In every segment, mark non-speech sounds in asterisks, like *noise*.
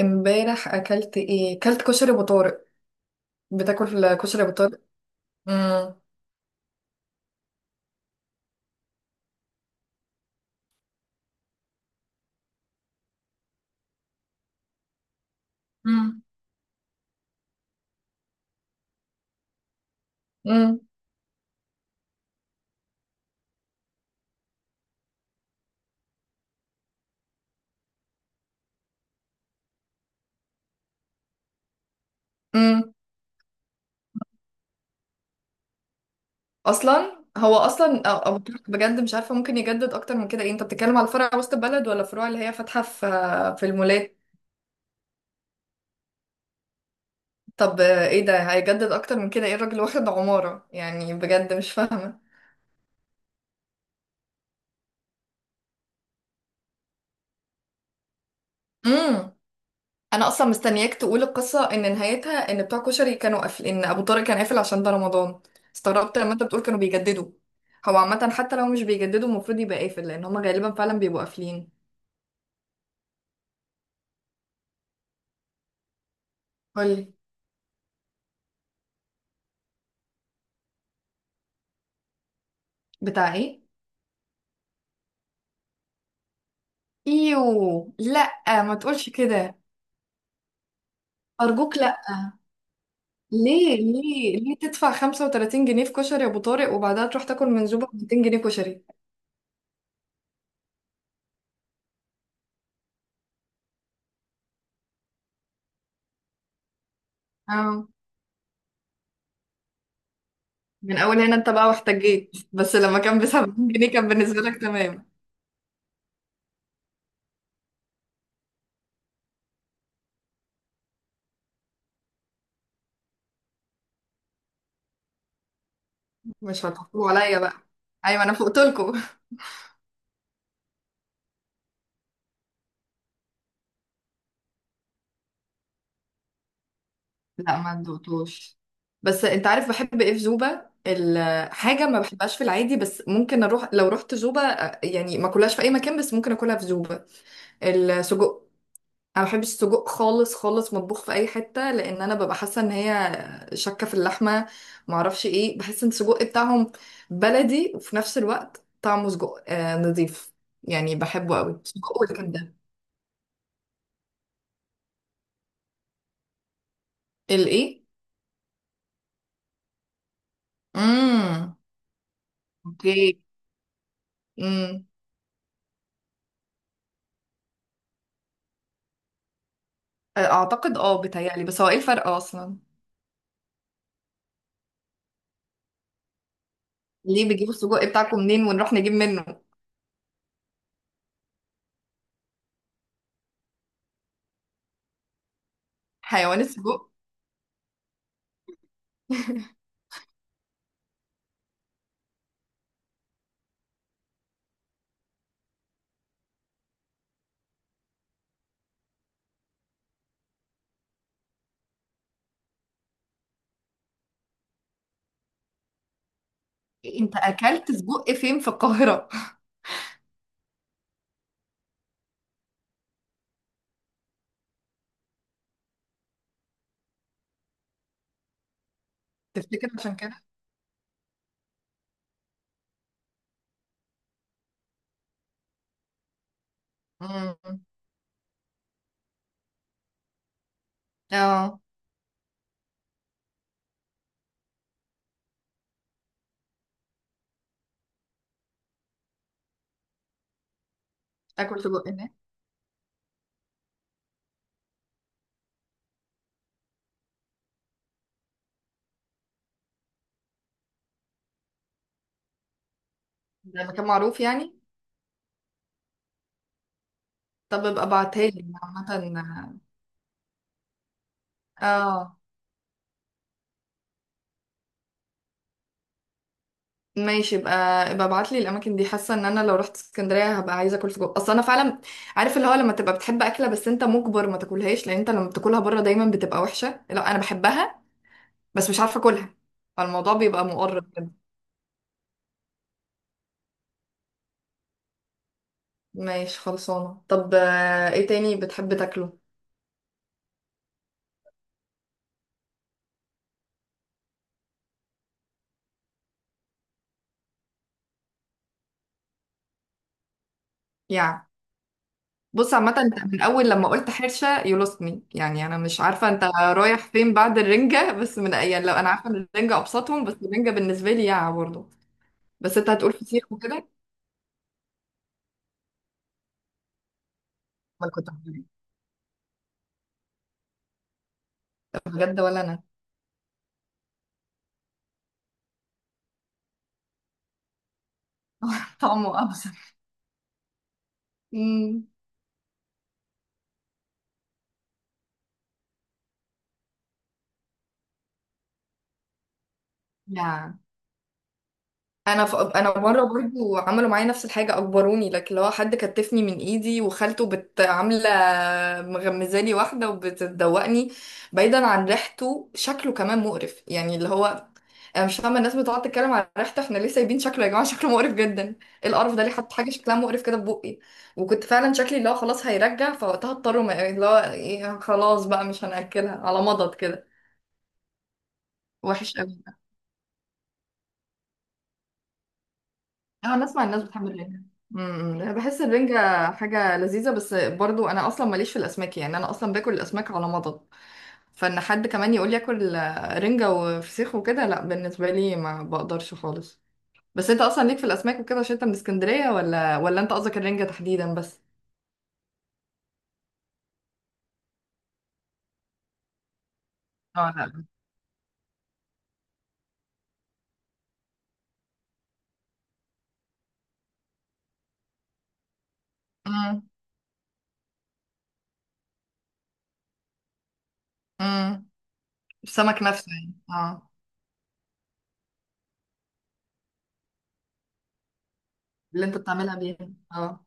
امبارح اكلت ايه؟ اكلت كشري ابو طارق. بتاكل كشري ابو طارق؟ امم. مم. امم، امم. اصلا هو اصلا ابو طارق بجد مش عارفه ممكن يجدد اكتر من كده؟ ايه، انت بتتكلم على فرع وسط البلد ولا فروع اللي هي فاتحه في المولات؟ طب ايه ده، هيجدد اكتر من كده؟ ايه الراجل واخد عماره يعني؟ بجد مش فاهمه. امم. انا اصلا مستنياك تقول القصه ان نهايتها ان بتوع كشري كانوا قافل، ان ابو طارق كان قافل عشان ده رمضان. استغربت لما انت بتقول كانوا بيجددوا. هو عامه حتى لو مش بيجددوا المفروض يبقى قافل، لان هما غالبا فعلا بيبقوا قافلين. قولي. بتاع ايه؟ ايوه، لا. ما تقولش كده. ارجوك لا. ليه ليه ليه تدفع 35 جنيه في كشري يا ابو طارق، وبعدها تروح تاكل منزوبه ب 200 جنيه كشري؟ اه. من اول هنا انت بقى واحتجيت، بس لما كان ب 70 جنيه كان بالنسبه لك تمام. مش هتحطوه عليا بقى. ايوه، انا فوقت لكم. لا، ما ندقتوش. بس انت عارف بحب ايه في زوبا؟ حاجه ما بحبهاش في العادي بس ممكن اروح لو رحت زوبا. يعني ما اكلهاش في اي مكان بس ممكن اكلها في زوبا. السجق. انا ما بحبش السجق خالص خالص مطبوخ في اي حته، لان انا ببقى حاسه ان هي شكه في اللحمه. ما اعرفش ايه، بحس ان السجق بتاعهم بلدي وفي نفس الوقت طعمه سجق نظيف يعني. بحبه قوي سجق والكبده. الايه؟ امم. اوكي. امم. اعتقد بيتهيألي، بس هو ايه الفرق اصلا؟ ليه بتجيبوا السجق بتاعكم منين ونروح نجيب منه؟ حيوان السجق؟ *laughs* انت اكلت سجق فين في القاهرة؟ *laughs* تفتكر عشان كده؟ امم. اه. اكل سجق هناك؟ ده مكان معروف يعني؟ طب ابقى ابعتها لي عامة. اه، ماشي. ابقى ابقى ابعت لي الاماكن دي. حاسه ان انا لو رحت اسكندريه هبقى عايزه اكل سجق، اصل انا فعلا عارف اللي هو لما تبقى بتحب اكله بس انت مجبر ما تاكلهاش لان انت لما بتاكلها بره دايما بتبقى وحشه. لا انا بحبها بس مش عارفة اكلها، فالموضوع بيبقى مقرب كده. ماشي خلصانة. طب ايه تاني بتحب تاكله؟ يعني. بص عامة انت من اول لما قلت حرشة you lost me، يعني انا مش عارفة انت رايح فين بعد الرنجة، بس من يعني لو انا عارفة ان الرنجة ابسطهم، بس الرنجة بالنسبة لي يا برضه. بس انت هتقول فسيخ وكده. ما أنا كنت هقول إيه. بجد؟ ولا انا. طعمه ابسط. امم. يا. انا مره برضو عملوا معايا نفس الحاجه اجبروني، لكن لو حد كتفني من ايدي وخالته بت عامله مغمزالي واحده وبتدوقني. بعيدا عن ريحته، شكله كمان مقرف يعني. اللي هو انا مش فاهمه الناس بتقعد تتكلم على ريحته، احنا ليه سايبين شكله يا جماعه؟ شكله مقرف جدا. ايه القرف ده؟ ليه حط حاجه شكلها مقرف كده في بقي؟ وكنت فعلا شكلي اللي هو خلاص هيرجع فوقتها، اضطروا اللي هو إيه، خلاص بقى مش هناكلها على مضض كده. وحش. اه، انا اسمع الناس بتحب الرنجة. امم، لا، بحس الرنجة حاجة لذيذة. بس برضو انا اصلا ماليش في الاسماك يعني، انا اصلا باكل الاسماك على مضض. فان حد كمان يقول لي اكل رنجة وفسيخ وكده، لا، بالنسبة لي ما بقدرش خالص. بس انت اصلا ليك في الاسماك وكده عشان انت من اسكندرية؟ ولا انت قصدك الرنجة تحديدا بس؟ اه، لا. امم. امم. السمك نفسه يعني، اه. اللي انت بتعملها بيها اه.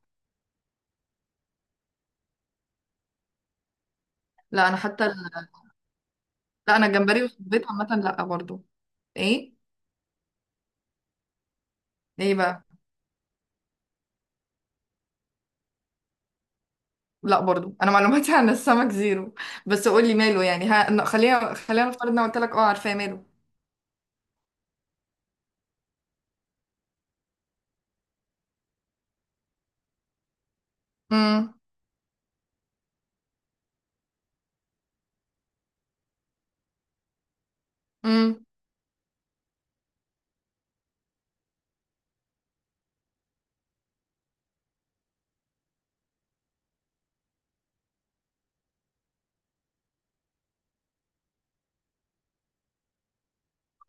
لا انا حتى. لا انا الجمبري والصبيط عامة لا برضو. ايه. ايه بقى؟ لا برضو، انا معلوماتي *laughs* عن السمك زيرو. بس قول لي ماله يعني، ها. خلينا نفترض ان أنا قلت لك عارفاه ماله. امم. امم.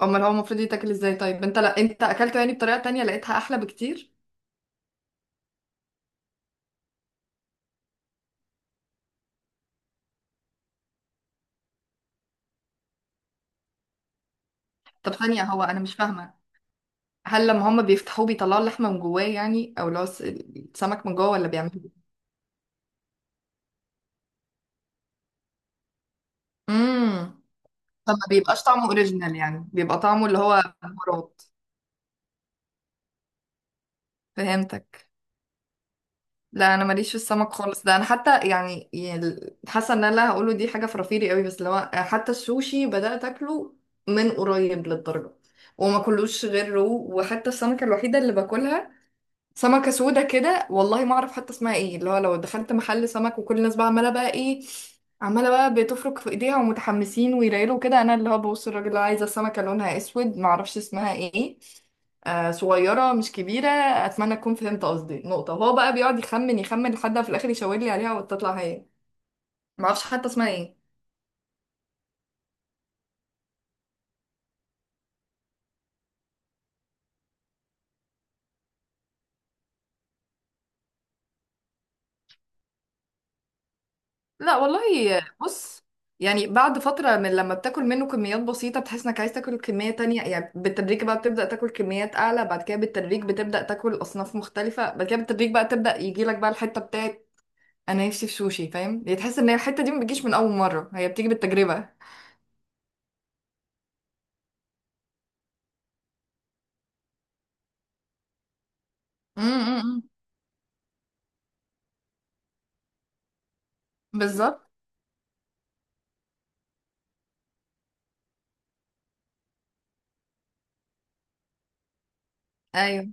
امال هو المفروض يتاكل ازاي؟ طيب انت، لا انت اكلته يعني بطريقه تانية لقيتها احلى بكتير. طب ثانيه، هو انا مش فاهمه. هل لما هما بيفتحوه بيطلعوا اللحمه من جواه يعني، او لو السمك من جوه، ولا بيعملوا إيه؟ امم. طب ما بيبقاش طعمه اوريجينال يعني، بيبقى طعمه اللي هو بهارات؟ فهمتك. لا انا ماليش في السمك خالص. ده انا حتى يعني حاسه ان انا اللي هقوله دي حاجه فرافيري قوي، بس لو حتى السوشي بدات اكله من قريب للدرجه وما كلوش غير رو. وحتى السمكه الوحيده اللي باكلها سمكة سودة كده، والله ما اعرف حتى اسمها ايه. اللي هو لو دخلت محل سمك وكل الناس بقى عمالة بقى ايه، عمالة بقى بتفرك في ايديها ومتحمسين ويرايلوا كده، انا اللي هو ببص الراجل اللي هو عايزة سمكة لونها اسود ما اعرفش اسمها ايه، صغيرة مش كبيرة، اتمنى تكون فهمت قصدي نقطة. وهو بقى بيقعد يخمن يخمن لحد ما في الاخر يشاور لي عليها وتطلع هي. ما اعرفش حتى اسمها ايه. لا والله. بص. يعني بعد فترة من لما بتاكل منه كميات بسيطة بتحس انك عايز تاكل كمية تانية، يعني بالتدريج بقى بتبدأ تاكل كميات أعلى، بعد كده بالتدريج بتبدأ تاكل أصناف مختلفة، بعد كده بالتدريج بقى تبدأ يجيلك بقى الحتة بتاعت. أنا نفسي في سوشي فاهم، يعني تحس ان هي الحتة دي ما بتجيش من أول مرة، هي بتيجي بالتجربة. امم. بالظبط. ايوه.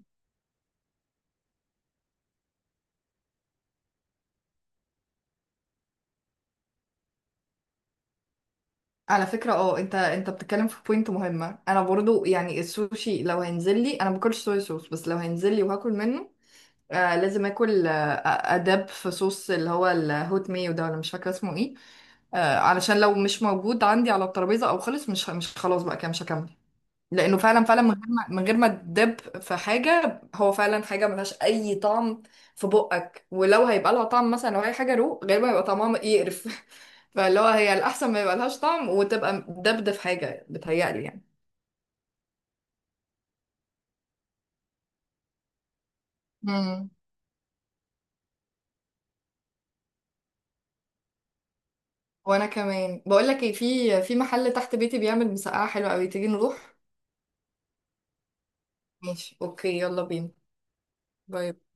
على فكرة اه انت بتتكلم في بوينت مهمة. انا برضو، يعني السوشي لو هينزل لي انا ما باكلش صويا صوص، بس لو هينزل لي وهاكل منه لازم اكل، اداب في صوص اللي هو الهوت مايو ده، ولا مش فاكره اسمه ايه. علشان لو مش موجود عندي على الترابيزه او خلص، مش خلاص بقى كده مش هكمل. لانه فعلا فعلا من غير ما تدب في حاجه هو فعلا حاجه ملهاش اي طعم في بقك. ولو هيبقى لها طعم مثلا لو هي حاجه رو غالبا هيبقى طعمها يقرف. *laughs* فاللي هو هي الاحسن ما يبقى لهاش طعم وتبقى دبده في حاجه بتهيألي يعني. مم. وانا كمان بقول لك ايه، في محل تحت بيتي بيعمل مسقعه حلوه قوي، تيجي نروح؟ ماشي اوكي، يلا بينا. باي.